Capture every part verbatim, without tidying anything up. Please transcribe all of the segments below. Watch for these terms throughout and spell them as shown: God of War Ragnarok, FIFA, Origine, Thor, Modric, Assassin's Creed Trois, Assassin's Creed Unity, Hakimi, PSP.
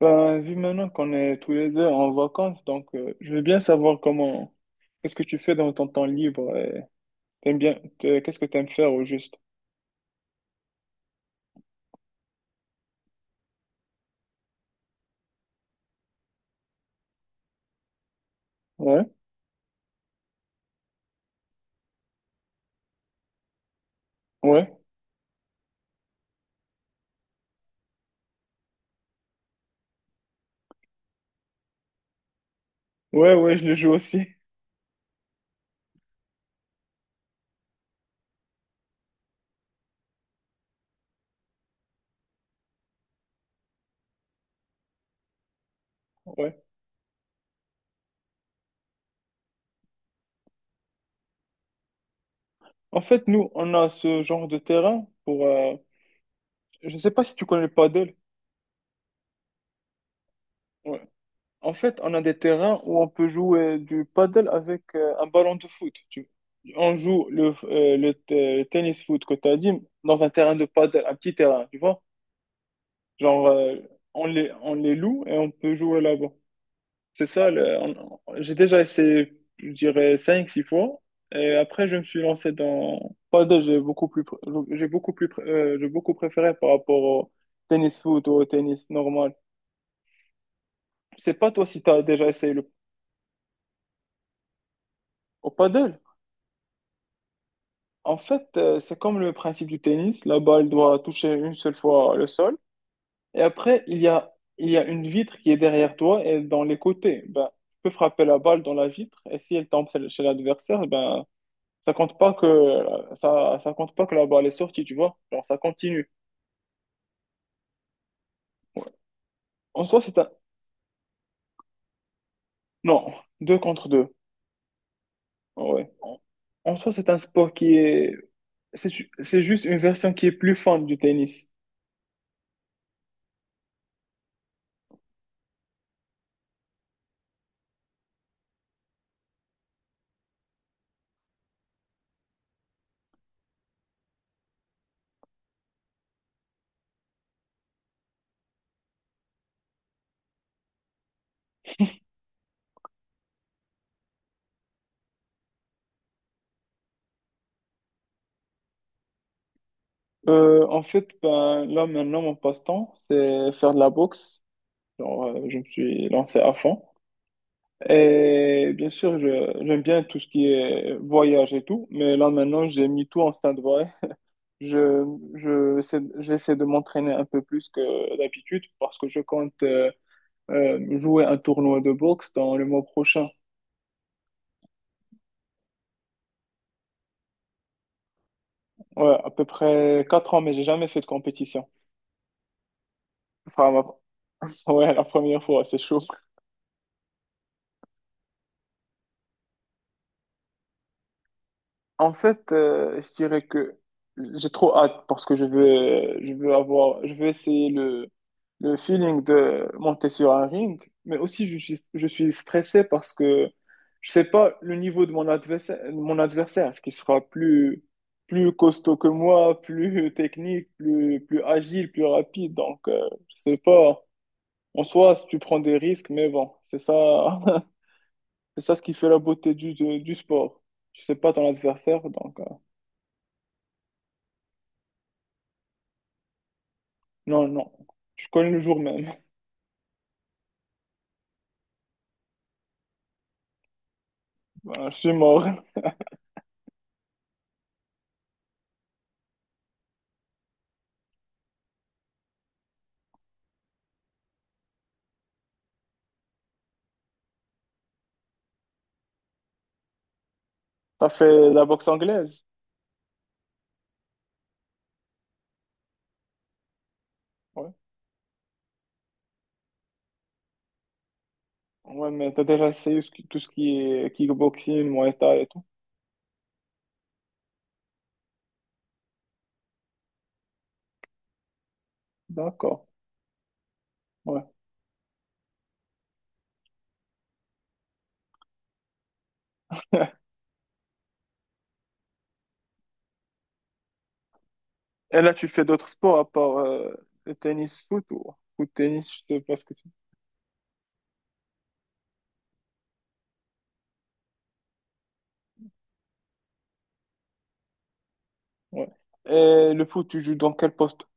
Ben, vu maintenant qu'on est tous les deux en vacances, donc euh, je veux bien savoir comment, qu'est-ce que tu fais dans ton temps libre et t'aimes bien, t'es- qu'est-ce que t'aimes faire au juste? Ouais, ouais, ouais, ouais, je le joue aussi. Ouais. En fait, nous, on a ce genre de terrain pour, euh, je sais pas si tu connais le paddle. Ouais. En fait, on a des terrains où on peut jouer du paddle avec euh, un ballon de foot. Tu- On joue le, euh, le, t- le tennis foot que tu as dit dans un terrain de paddle, un petit terrain, tu vois? Genre, euh, on les, on les loue et on peut jouer là-bas. C'est ça, le- on- on- j'ai déjà essayé, je dirais, cinq six fois. Et après, je me suis lancé dans trois D, j'ai beaucoup plus, pr- j'ai beaucoup plus, pr- euh, j'ai beaucoup préféré par rapport au tennis foot ou au tennis normal. Je sais pas toi si tu as déjà essayé le au paddle. En fait, euh, c'est comme le principe du tennis. La balle doit toucher une seule fois le sol. Et après, il y a, il y a une vitre qui est derrière toi et dans les côtés. Ben, tu peux frapper la balle dans la vitre et si elle tombe chez chez l'adversaire, ben, ça compte pas que, ça, ça compte pas que la balle est sortie, tu vois. Alors, ça continue. En soi, c'est un, non, deux contre deux. Ouais. En en soi, c'est un sport qui est... C'est ju- c'est juste une version qui est plus fun du tennis. Euh, en fait, ben, là maintenant, mon passe-temps, c'est faire de la boxe. Genre, euh, je me suis lancé à fond. Et bien sûr, je- j'aime bien tout ce qui est voyage et tout, mais là maintenant, j'ai mis tout en stand-by. Je, je, sais- J'essaie de m'entraîner un peu plus que d'habitude parce que je compte euh, euh, jouer un tournoi de boxe dans le mois prochain. Ouais, à peu près quatre ans, mais j'ai jamais fait de compétition. Ça sera ma- Ouais, la première fois, c'est chaud. En fait, euh, je dirais que j'ai trop hâte parce que je veux, je veux avoir, je veux essayer le, le feeling de monter sur un ring, mais aussi je suis, je suis stressé parce que je sais pas le niveau de mon adversaire, mon adversaire, ce qui sera plus, plus costaud que moi, plus technique, plus, plus agile, plus rapide. Donc, euh, je sais pas. En soi, si tu prends des risques, mais bon, c'est ça, c'est ça ce qui fait la beauté du, du, du sport. Tu sais pas ton adversaire, donc. euh, Non, non. Je connais le jour même. Ben, je suis mort. T'as fait de la boxe anglaise? Ouais. Ouais, mais t'as déjà essayé ce qui- tout ce qui est kickboxing, Muay Thai et tout? D'accord. Ouais. Et là, tu fais d'autres sports à part euh, le tennis, foot ou foot, tennis, je sais pas ce que tu... Ouais. Et le foot, tu joues dans quel poste?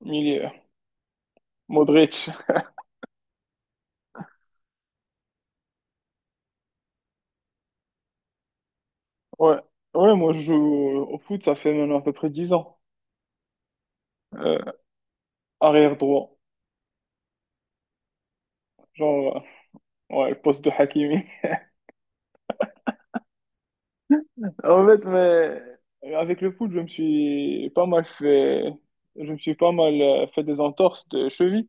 Milieu. Modric. Ouais. Ouais, moi, je joue au foot, ça fait maintenant à peu près dix ans. Euh, arrière droit. Genre, euh, ouais, le poste de Hakimi. En fait, mais euh, avec le foot, je me suis pas mal fait, je me suis pas mal euh, fait des entorses de cheville.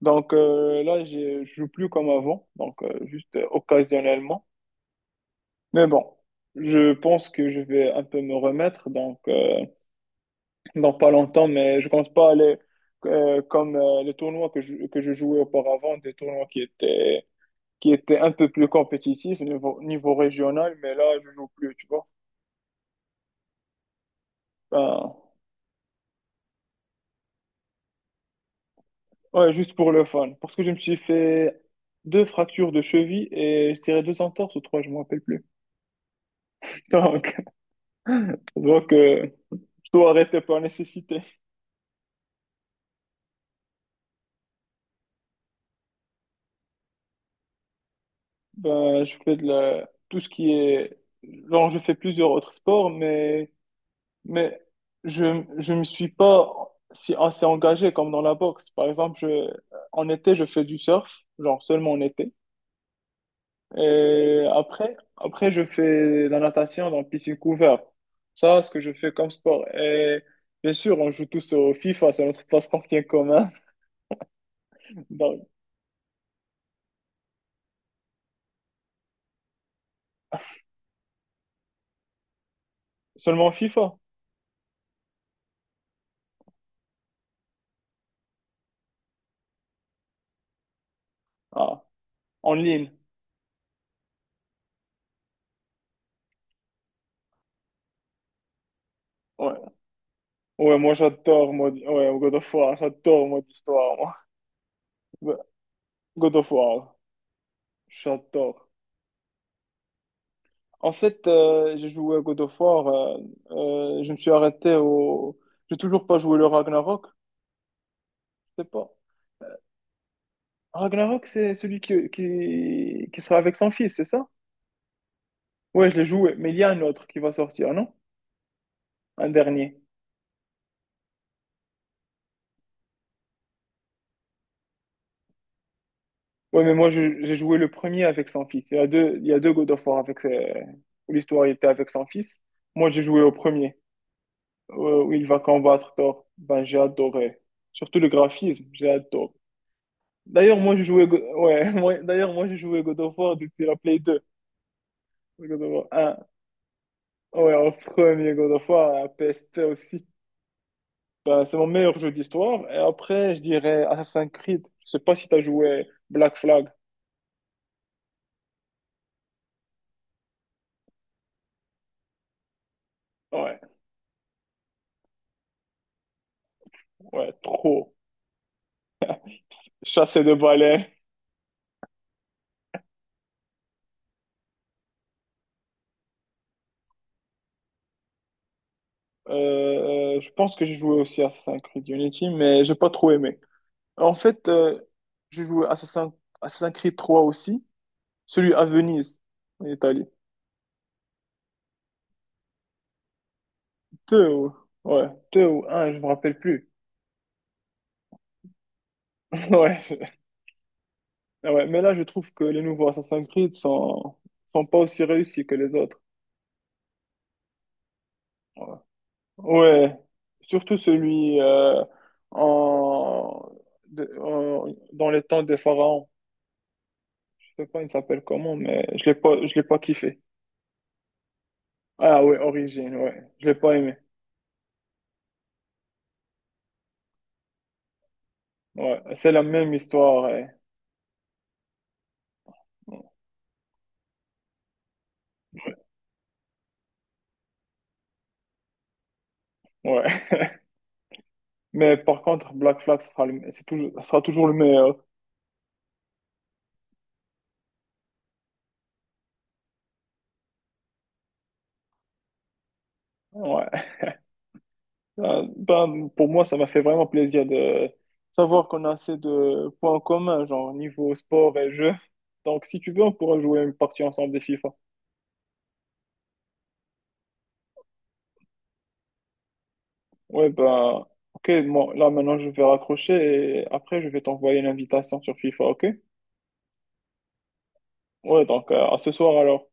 Donc euh, là, j'ai- je joue plus comme avant, donc euh, juste euh, occasionnellement. Mais bon, je pense que je vais un peu me remettre, donc euh, dans pas longtemps, mais je compte pas aller euh, comme euh, les tournois que je, que je jouais auparavant, des tournois qui étaient qui étaient un peu plus compétitifs niveau, niveau régional, mais là, je joue plus, tu vois. Enfin, ouais, juste pour le fun. Parce que je me suis fait deux fractures de cheville et je dirais deux entorses ou trois, je me rappelle plus. Donc, ça se voit que je dois arrêter par nécessité. Ben, je fais de la... tout ce qui est... Genre, je fais plusieurs autres sports, mais, mais je je me suis pas si assez engagé comme dans la boxe. Par exemple, je... en été, je fais du surf, genre seulement en été. Et après, après, je fais de la natation dans la piscine couverte. Ça, ce que je fais comme sport. Et bien sûr, on joue tous au FIFA, c'est notre passe-temps qui est commun. Donc, seulement FIFA? Ah, en ligne. Ouais, ouais moi j'adore mode... ouais, God of War, j'adore mode histoire, moi. Ouais, God of War, j'adore. En fait, euh, j'ai joué à God of War, euh, euh, je me suis arrêté au... J'ai toujours pas joué le Ragnarok, je sais pas. Ragnarok, c'est celui qui, qui, qui sera avec son fils, c'est ça? Ouais, je l'ai joué, mais il y a un autre qui va sortir, non? Un dernier. Ouais, mais moi, je- j'ai joué le premier avec son fils. Il y a deux, il y a deux God of War avec, euh, où l'histoire était avec son fils. Moi, j'ai joué au premier, euh, où il va combattre Thor. Ben, j'ai adoré. Surtout le graphisme, j'ai adoré. D'ailleurs, moi, j'ai joué, Go- ouais, moi- d'ailleurs, moi, j'ai joué God of War depuis la Play deux. God of War un. Ouais, au premier God of War, à P S P aussi. Ben, c'est mon meilleur jeu d'histoire. Et après, je dirais Assassin's Creed. Je sais pas si t'as joué Black Flag. Ouais, ouais, trop. Chassé de balais. Euh, euh, je pense que j'ai joué aussi à Assassin's Creed Unity, mais j'ai pas trop aimé. En fait, euh, j'ai joué Assassin- Assassin's Creed trois aussi, celui à Venise, en Italie. Deux, ou- ouais, deux ou un, je me rappelle plus. Ouais, je- ouais, mais là, je trouve que les nouveaux Assassin's Creed sont, sont pas aussi réussis que les autres. Ouais. Ouais, surtout celui euh, en, de- en- dans les temps des pharaons. Je sais pas, il s'appelle comment, mais je l'ai pas, je l'ai pas kiffé. Ah ouais, Origine, ouais, je l'ai pas aimé. Ouais, c'est la même histoire. Ouais. Ouais. Mais par contre, Black Flag, ce sera le- c'est toujours, ce sera toujours le meilleur. Ouais. Euh, Ben, pour moi, ça m'a fait vraiment plaisir de savoir qu'on a assez de points communs, genre niveau sport et jeu. Donc, si tu veux, on pourra jouer une partie ensemble des FIFA. Ouais, bah, ok, moi, là, maintenant, je vais raccrocher et après, je vais t'envoyer une invitation sur FIFA, ok? Ouais, donc, euh, à ce soir, alors.